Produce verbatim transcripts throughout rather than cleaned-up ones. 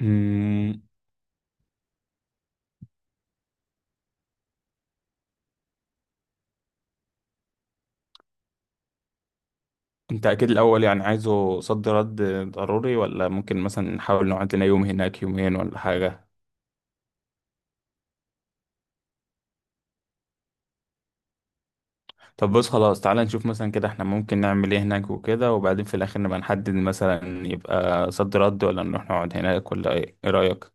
مم، انت اكيد الاول يعني عايزه صد رد ضروري، ولا ممكن مثلا نحاول نقعد لنا يوم هناك، يومين ولا حاجة؟ طب بص خلاص، تعالى نشوف مثلا كده احنا ممكن نعمل ايه هناك وكده، وبعدين في الاخر نبقى نحدد مثلا يبقى صد رد ولا نروح نقعد هناك ولا ايه ايه رأيك؟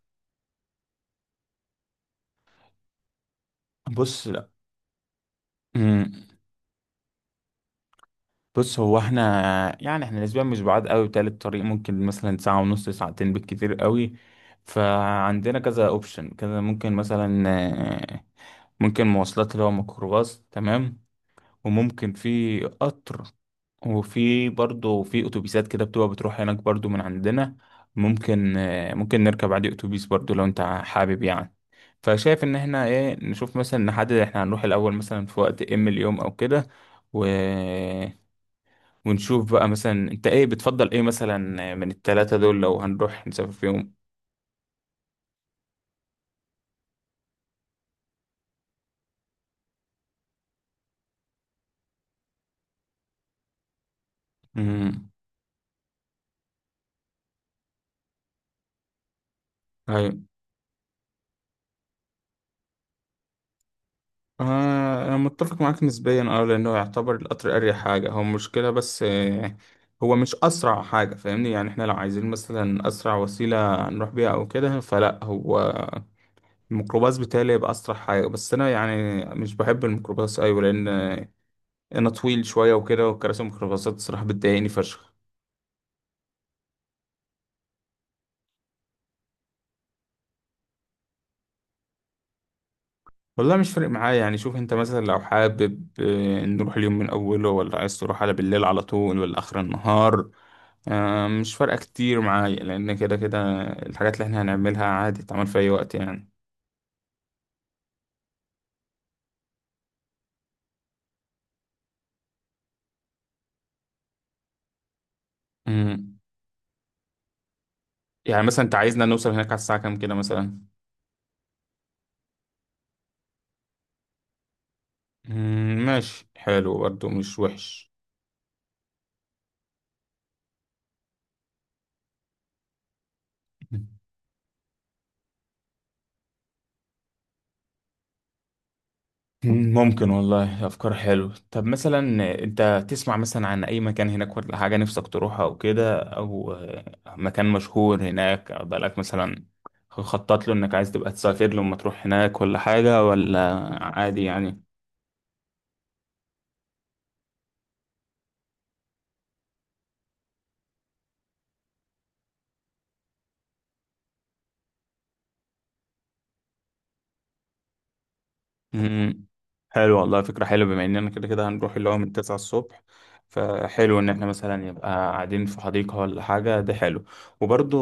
بص لا. مم، بص هو احنا، يعني احنا نسبيا مش بعاد قوي بتاع الطريق، ممكن مثلا ساعة ونص، ساعتين بالكتير قوي. فعندنا كذا اوبشن، كذا ممكن مثلا آه، ممكن مواصلات اللي هو ميكروباص، تمام. وممكن في قطر، وفي برضه في اتوبيسات كده بتبقى بتروح هناك برضه من عندنا. ممكن آه، ممكن نركب عادي اتوبيس برضه لو انت حابب يعني. فشايف ان احنا ايه، نشوف مثلا نحدد احنا هنروح الاول مثلا في وقت ام اليوم او كده، و... ونشوف بقى مثلا انت ايه بتفضل، ايه مثلا من التلاتة دول لو هنروح نسافر فيهم. امم آه، أنا متفق معاك نسبيا، أه لأنه يعتبر القطر أريح حاجة. هو مشكلة بس آه، هو مش أسرع حاجة فاهمني. يعني إحنا لو عايزين مثلا أسرع وسيلة نروح بيها أو كده، فلا هو الميكروباص بتاعي يبقى أسرع حاجة. بس أنا يعني مش بحب الميكروباص أيوة، لأن أنا طويل شوية وكده، وكراسي الميكروباصات الصراحة بتضايقني فشخ. والله مش فارق معايا يعني، شوف انت مثلا لو حابب آه، نروح اليوم من اوله ولا عايز تروح على بالليل على طول ولا اخر النهار. آه، مش فارقة كتير معايا، لان كده كده الحاجات اللي احنا هنعملها عادي تعمل في اي وقت يعني. مم. يعني مثلا انت عايزنا نوصل هناك على الساعة كام كده مثلا؟ مم، ماشي حلو برضه، مش وحش. ممكن والله، أفكار حلوة. طب مثلا أنت تسمع مثلا عن أي مكان هناك ولا حاجة نفسك تروحها أو كده، أو آه، مكان مشهور هناك، أو بقالك مثلا خطط له إنك عايز تبقى تسافر له لما تروح هناك ولا حاجة، ولا عادي يعني؟ مم. حلو والله، فكرة حلوة. بما إننا كده كده هنروح اللي هو من تسعة الصبح، فحلو إن إحنا مثلا يبقى قاعدين في حديقة ولا حاجة، ده حلو. وبرضو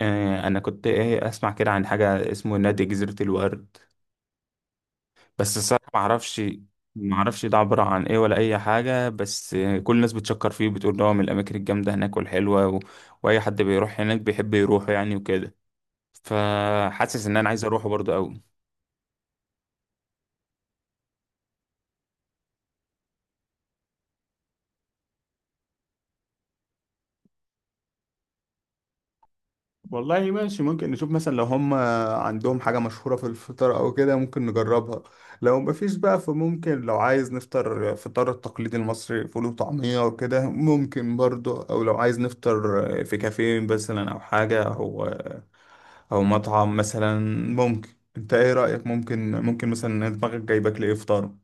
آه، أنا كنت إيه أسمع كده عن حاجة اسمه نادي جزيرة الورد. بس الصراحة ما اعرفش ما اعرفش ده عبارة عن ايه ولا اي حاجة، بس كل الناس بتشكر فيه وبتقول ده هو من الاماكن الجامدة هناك والحلوة و... واي حد بيروح هناك بيحب يروح يعني وكده. فحاسس ان انا عايز اروحه برضه قوي. والله ماشي، ممكن نشوف مثلا لو هم عندهم حاجة مشهورة في الفطار أو كده ممكن نجربها. لو مفيش بقى، فممكن لو عايز نفطر فطار التقليدي المصري فول وطعمية وكده ممكن برضو، أو لو عايز نفطر في كافيه مثلا أو حاجة، أو أو مطعم مثلا ممكن. أنت إيه رأيك، ممكن ممكن مثلا دماغك جايبك لإيه فطار؟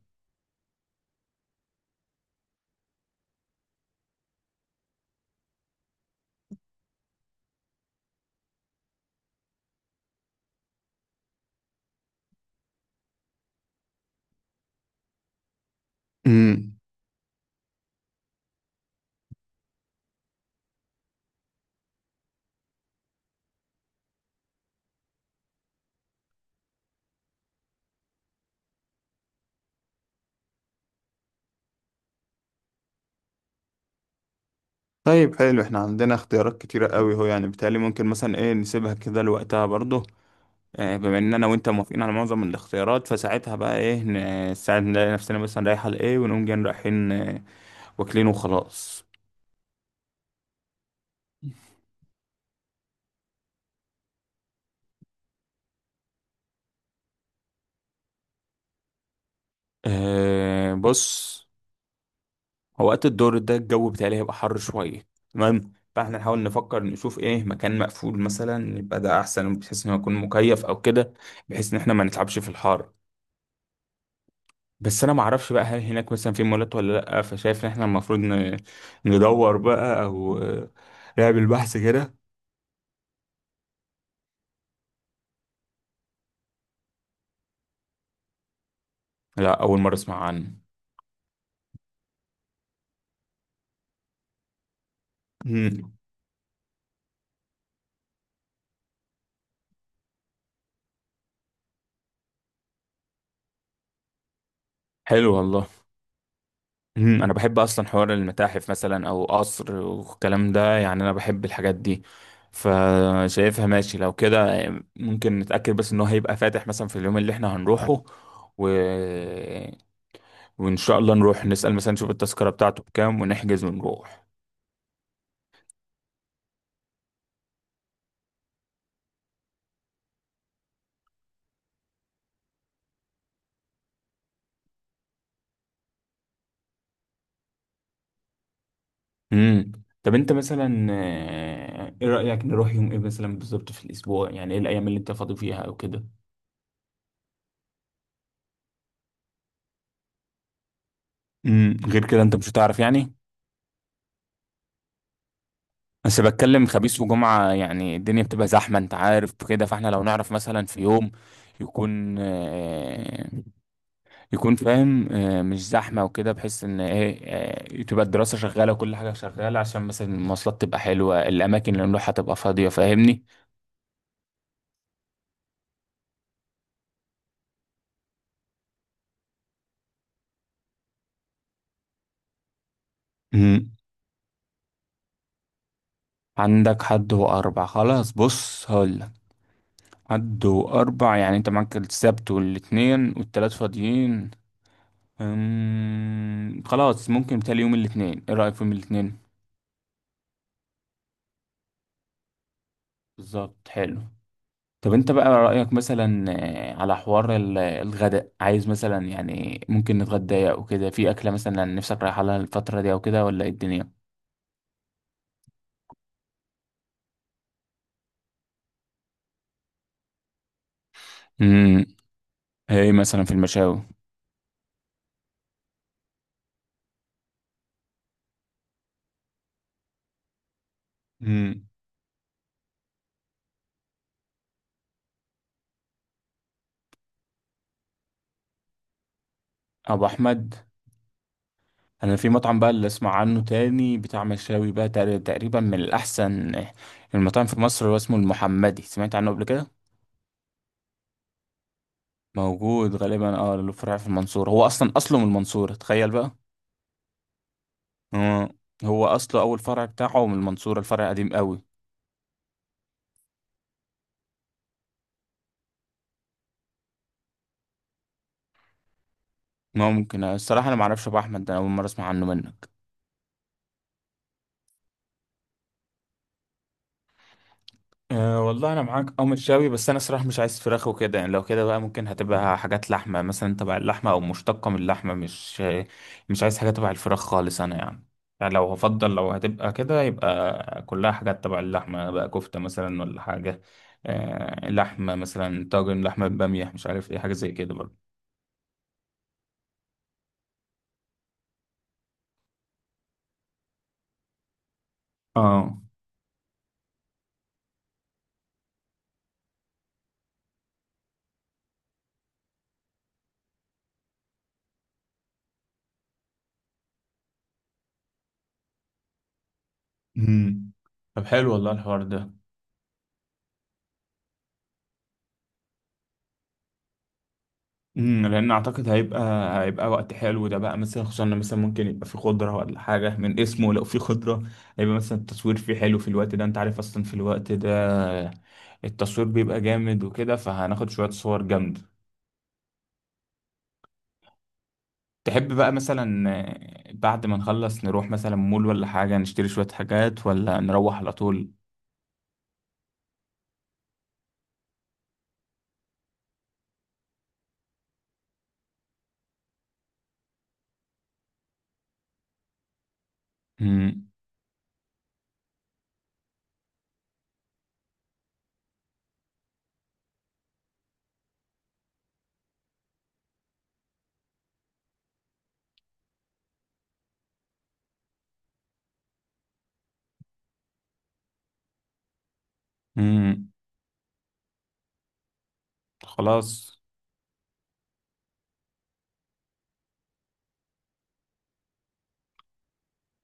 امم طيب حلو، احنا عندنا اختيارات كتيرة قوي، هو يعني بالتالي ممكن مثلا ايه نسيبها كده لوقتها برضه. آه، بما ان انا وانت موافقين على معظم الاختيارات، فساعتها بقى ايه، ن- ساعة نلاقي نفسنا مثلا رايحة لايه ونقوم جايين رايحين آه، واكلين وخلاص. آه، بص هو وقت الدور ده الجو بتاعي هيبقى حر شوية، تمام، فاحنا نحاول نفكر نشوف ايه مكان مقفول مثلا يبقى ده احسن، بحيث انه يكون مكيف او كده، بحيث ان احنا ما نتعبش في الحر. بس انا ما اعرفش بقى هل هناك مثلا في مولات ولا لا، فشايف ان احنا المفروض ن- ندور بقى او آه، نعمل بحث كده. لا، اول مرة اسمع عنه. مم. حلو والله. مم. انا بحب اصلا حوار المتاحف مثلا او قصر والكلام ده يعني، انا بحب الحاجات دي. فشايفها ماشي لو كده، ممكن نتأكد بس ان هو هيبقى فاتح مثلا في اليوم اللي احنا هنروحه، و... وان شاء الله نروح نسأل مثلا، نشوف التذكرة بتاعته بكام ونحجز ونروح. امم طب انت مثلا آه، ايه رأيك نروح يوم ايه مثلا بالظبط في الاسبوع؟ يعني ايه الايام اللي انت فاضي فيها او كده؟ امم غير كده انت مش هتعرف يعني. بس بتكلم خميس وجمعة يعني الدنيا بتبقى زحمة انت عارف كده، فاحنا لو نعرف مثلا في يوم يكون آه، يكون فاهم آه، مش زحمة وكده، بحيث ان ايه، آه، تبقى الدراسة شغالة وكل حاجة شغالة، عشان مثلا المواصلات تبقى حلوة، الأماكن اللي نروحها تبقى فاضية فاهمني. مم. عندك حد وأربع، خلاص بص هقولك، حد وأربع يعني انت معاك السبت والاتنين والتلات فاضيين. أمم، خلاص ممكن تالي يوم الاتنين، ايه رأيك في يوم الاتنين؟ بالظبط حلو. طب انت بقى رأيك مثلا آه، على حوار ال- الغداء عايز مثلا، يعني ممكن نتغدى او كده في اكلة مثلا نفسك رايحة لها الفترة دي او كده، ولا ايه الدنيا؟ امم ايه مثلا في المشاوي؟ امم ابو احمد. انا في مطعم بقى اللي اسمع عنه تاني بتاع مشاوي بقى تقري- تقريبا من الاحسن آه، المطاعم في مصر، هو اسمه المحمدي، سمعت عنه قبل كده؟ موجود غالبا، اه له فرع في المنصورة، هو اصلا اصله من المنصورة، تخيل بقى. آه، هو اصله اول فرع بتاعه من المنصورة، الفرع قديم قوي. ممكن آه، الصراحة انا معرفش ابو احمد ده، انا اول مرة اسمع عنه منك. أه والله انا معاك او متشاوي، بس انا صراحة مش عايز فراخ وكده يعني. لو كده بقى ممكن هتبقى حاجات لحمة مثلا، تبع اللحمة او مشتقة من اللحمة، مش مش عايز حاجة تبع الفراخ خالص انا يعني. يعني لو هفضل لو هتبقى كده يبقى كلها حاجات تبع اللحمة بقى، كفتة مثلا ولا حاجة. أه لحمة مثلا، طاجن لحمة بامية، مش عارف ايه، حاجة زي كده برضه. اه. مم. طب حلو والله الحوار ده. امم لان اعتقد هيبقى هيبقى وقت حلو ده بقى مثلا، خصوصا إن مثلا ممكن يبقى في خضره ولا حاجه من اسمه، لو في خضره هيبقى مثلا التصوير فيه حلو في الوقت ده، انت عارف اصلا في الوقت ده التصوير بيبقى جامد وكده، فهناخد شويه صور جامده. تحب بقى مثلا آه، بعد ما نخلص نروح مثلا مول ولا حاجه نشتري شويه حاجات، ولا نروح على طول؟ امم امم خلاص.